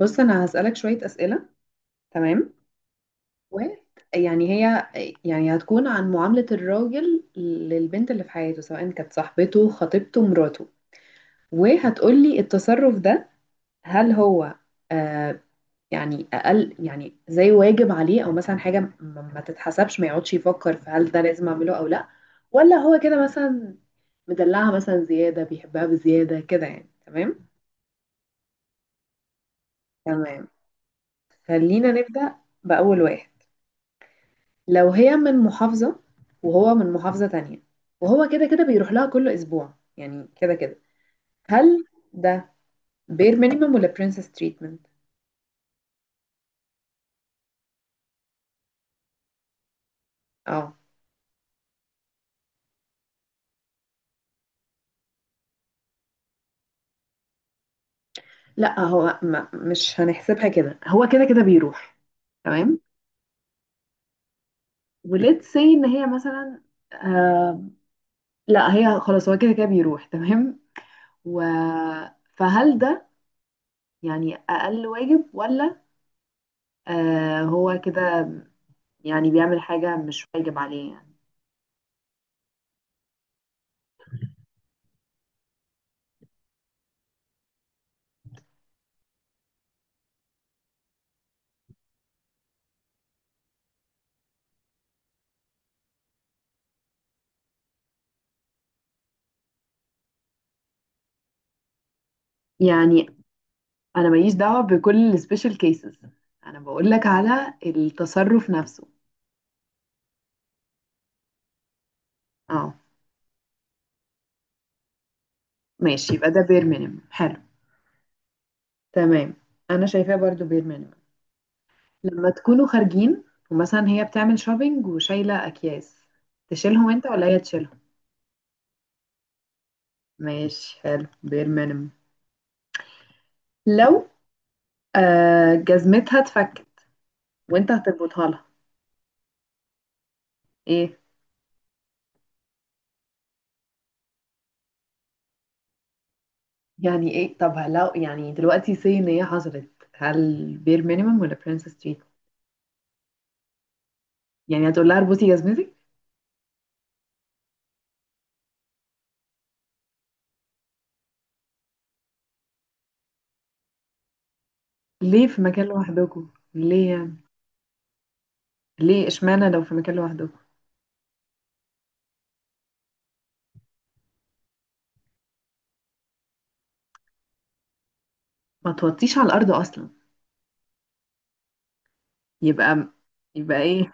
بص انا هسألك شوية أسئلة. تمام. ويعني هي يعني هتكون عن معاملة الراجل للبنت اللي في حياته، سواء كانت صاحبته، خطيبته، مراته، وهتقولي التصرف ده هل هو آه يعني أقل، يعني زي واجب عليه، أو مثلا حاجة ما تتحسبش، ما يقعدش يفكر في هل ده لازم أعمله أو لأ، ولا هو كده مثلا مدلعها، مثلا زيادة، بيحبها بزيادة كده يعني. تمام تمام، خلينا نبدأ بأول واحد. لو هي من محافظة وهو من محافظة تانية، وهو كده كده بيروح لها كل أسبوع، يعني كده كده هل ده بير مينيمم ولا برنسس تريتمنت؟ اه لا، هو ما مش هنحسبها كده، هو كده كده بيروح. تمام. وليتس سي ان هي مثلا آه لا، هي خلاص هو كده كده بيروح. تمام. و فهل ده يعني أقل واجب ولا آه هو كده يعني بيعمل حاجة مش واجب عليه يعني. يعني انا ماليش دعوه بكل السبيشال كيسز، انا بقول لك على التصرف نفسه. اه. ماشي، يبقى ده بير مينيمم، حلو. تمام، انا شايفاه برضو بير مينيمم. لما تكونوا خارجين ومثلا هي بتعمل شوبينج وشايله اكياس، تشيلهم انت ولا هي تشيلهم؟ ماشي حلو، بير مينيمم. لو آه جزمتها اتفكت، وانت هتربطها لها؟ ايه؟ يعني ايه، طب لو يعني دلوقتي سي ان هي حصلت، هل بير مينيمم ولا برنسس تريت؟ يعني هتقول لها اربطي جزمتك؟ ليه في مكان لوحدكم ليه يعني؟ ليه، اشمعنى لو في مكان لوحدكم؟ ما توطيش على الارض اصلا. يبقى يبقى ايه؟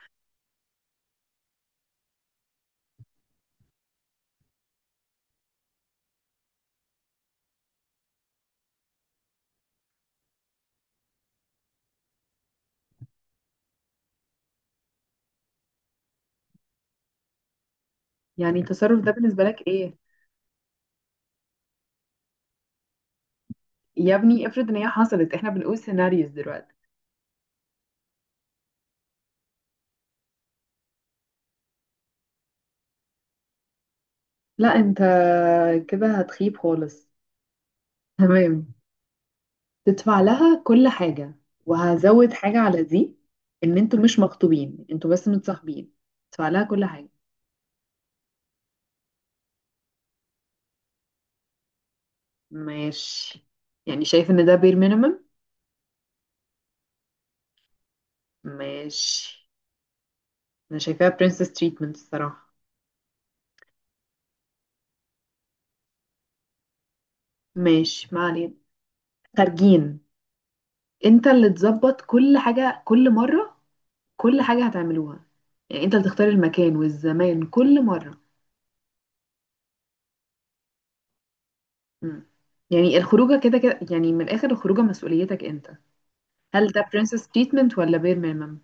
يعني التصرف ده بالنسبه لك ايه؟ يا ابني افرض ان هي حصلت، احنا بنقول سيناريوز دلوقتي. لا انت كده هتخيب خالص. تمام. تدفع لها كل حاجه، وهزود حاجه على دي، ان انتوا مش مخطوبين، انتوا بس متصاحبين، تدفع لها كل حاجه. ماشي، يعني شايف ان ده بير مينيمم؟ ماشي، انا شايفاها برنسس تريتمنت الصراحه. ماشي، ما علينا. خارجين، انت اللي تظبط كل حاجة كل مرة، كل حاجة هتعملوها، يعني انت اللي تختار المكان والزمان كل مرة. مم. يعني الخروجة كده كده، يعني من الآخر الخروجة مسؤوليتك انت، هل ده برنسس تريتمنت ولا بير ميمم؟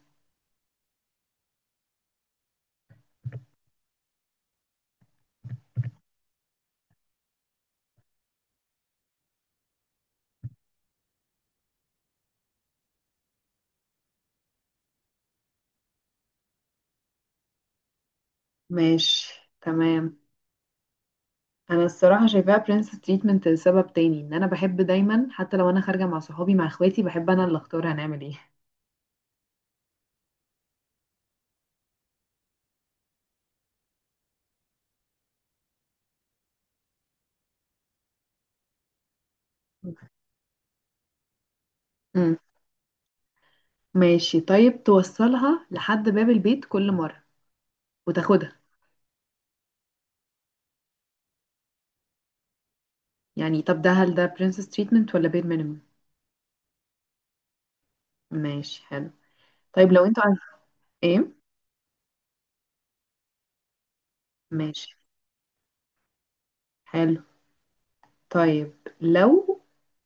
ماشي تمام. انا الصراحة شايفاها برنسس تريتمنت لسبب تاني، ان انا بحب دايما حتى لو انا خارجة مع صحابي، مع اخواتي، بحب انا اللي اختار هنعمل ايه. مم. ماشي، طيب توصلها لحد باب البيت كل مرة وتاخدها، يعني طب ده هل ده برنسس تريتمنت ولا بير مينيمم؟ ماشي حلو. طيب لو انتوا، عارف؟ ايه؟ ماشي حلو. طيب لو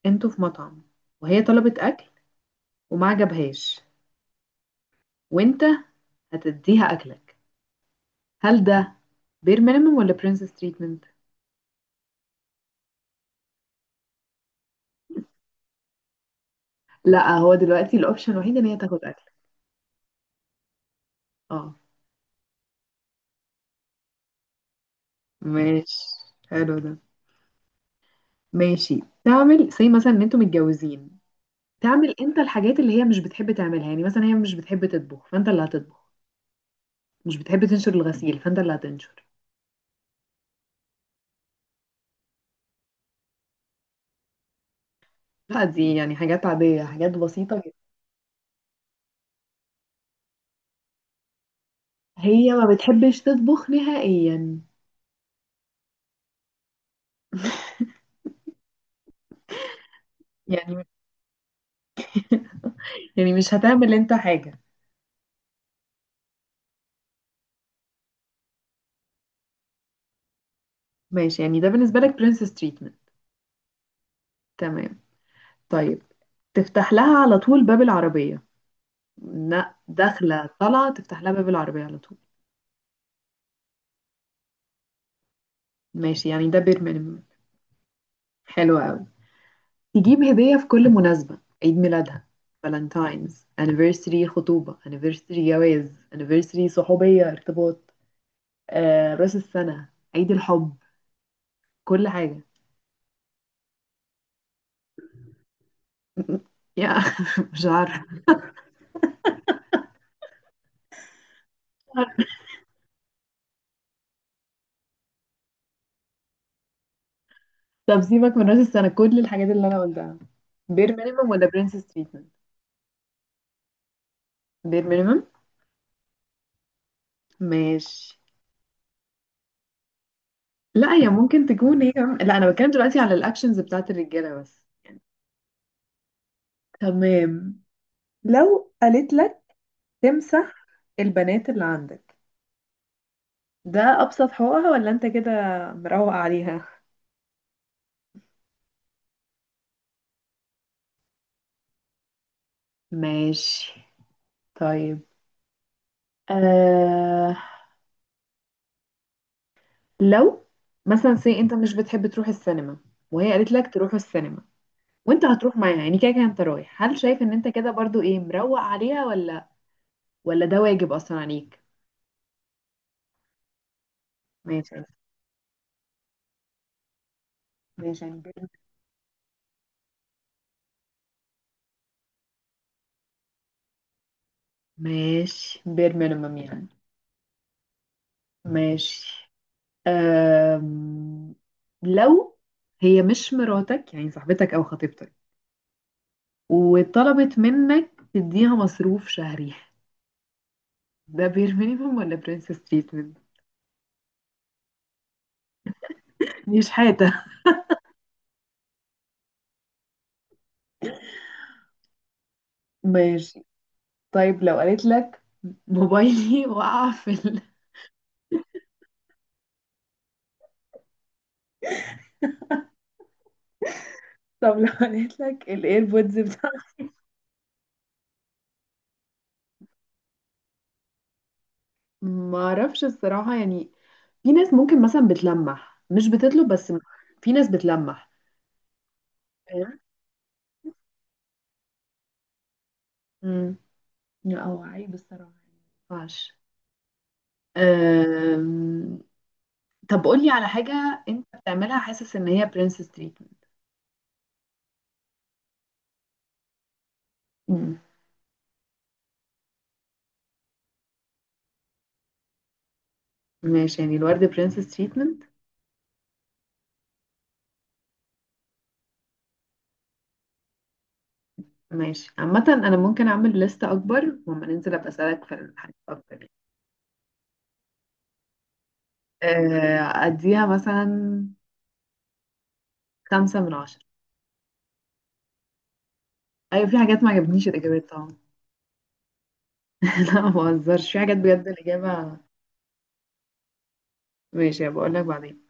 انتوا في مطعم، وهي طلبت اكل وما عجبهاش، وانت هتديها اكلك، هل ده بير مينيمم ولا برنسس تريتمنت؟ لا هو دلوقتي الاوبشن الوحيد ان هي تاخد اكل. اه. ماشي حلو ده. ماشي. تعمل زي مثلا ان انتوا متجوزين، تعمل انت الحاجات اللي هي مش بتحب تعملها، يعني مثلا هي مش بتحب تطبخ فانت اللي هتطبخ، مش بتحب تنشر الغسيل فانت اللي هتنشر. لا دي يعني حاجات عادية، حاجات بسيطة جدا. هي ما بتحبش تطبخ نهائيا. يعني يعني مش هتعمل انت حاجة؟ ماشي، يعني ده بالنسبة لك برنسس تريتمنت. تمام. طيب تفتح لها على طول باب العربية، لا داخلة طالعة تفتح لها باب العربية على طول. ماشي، يعني ده بير مينيمم. حلو قوي. تجيب هدية في كل مناسبة، عيد ميلادها، فالنتاينز، anniversary خطوبة، anniversary جواز، anniversary صحوبية ارتباط، راس السنة، عيد الحب، كل حاجة. يا، مش عارفة. طب سيبك من راس السنة، كل الحاجات اللي أنا قلتها بير مينيمم ولا برنسس تريتمنت؟ بير مينيمم. ماشي. لا، هي ممكن تكون هي كمان- لا أنا بتكلم دلوقتي على الأكشنز بتاعت الرجالة بس. تمام. لو قالت لك تمسح البنات اللي عندك، ده أبسط حقوقها ولا أنت كده مروق عليها؟ ماشي. طيب، آه... لو مثلا سي انت مش بتحب تروح السينما، وهي قالت لك تروح السينما، وانت هتروح معاها، يعني كده كده انت رايح، هل شايف ان انت كده برضو ايه، مروق عليها ولا، ولا ده واجب اصلا عليك؟ ماشي. ماشي، يعني ماشي بير مينيمم يعني. ماشي. أم... لو هي مش مراتك، يعني صاحبتك او خطيبتك، وطلبت منك تديها مصروف شهري، ده بير مينيمم ولا برنسس تريتمنت؟ مش حاجة. ماشي. طيب لو قالت لك موبايلي وقع في ال... طب لو قالت لك الايربودز بتاع، ما اعرفش الصراحة يعني. في ناس ممكن مثلا بتلمح، مش بتطلب بس. في ناس بتلمح. فاهم؟ مم. لا هو عيب الصراحة. ماشي. أم... طب قولي على حاجة انت بتعملها حاسس ان هي برنسس تريتمنت. امم. ماشي، يعني الورد برنسس تريتمنت. ماشي، عامة انا ممكن اعمل لستة اكبر، وما ننزل ابقى اسألك في الحاجات اكتر. أديها مثلا 5 من 10. أيوة، في حاجات ما عجبتنيش الإجابات طبعا. لا ما بهزرش، في حاجات بجد الإجابة. ماشي هبقول لك بعدين.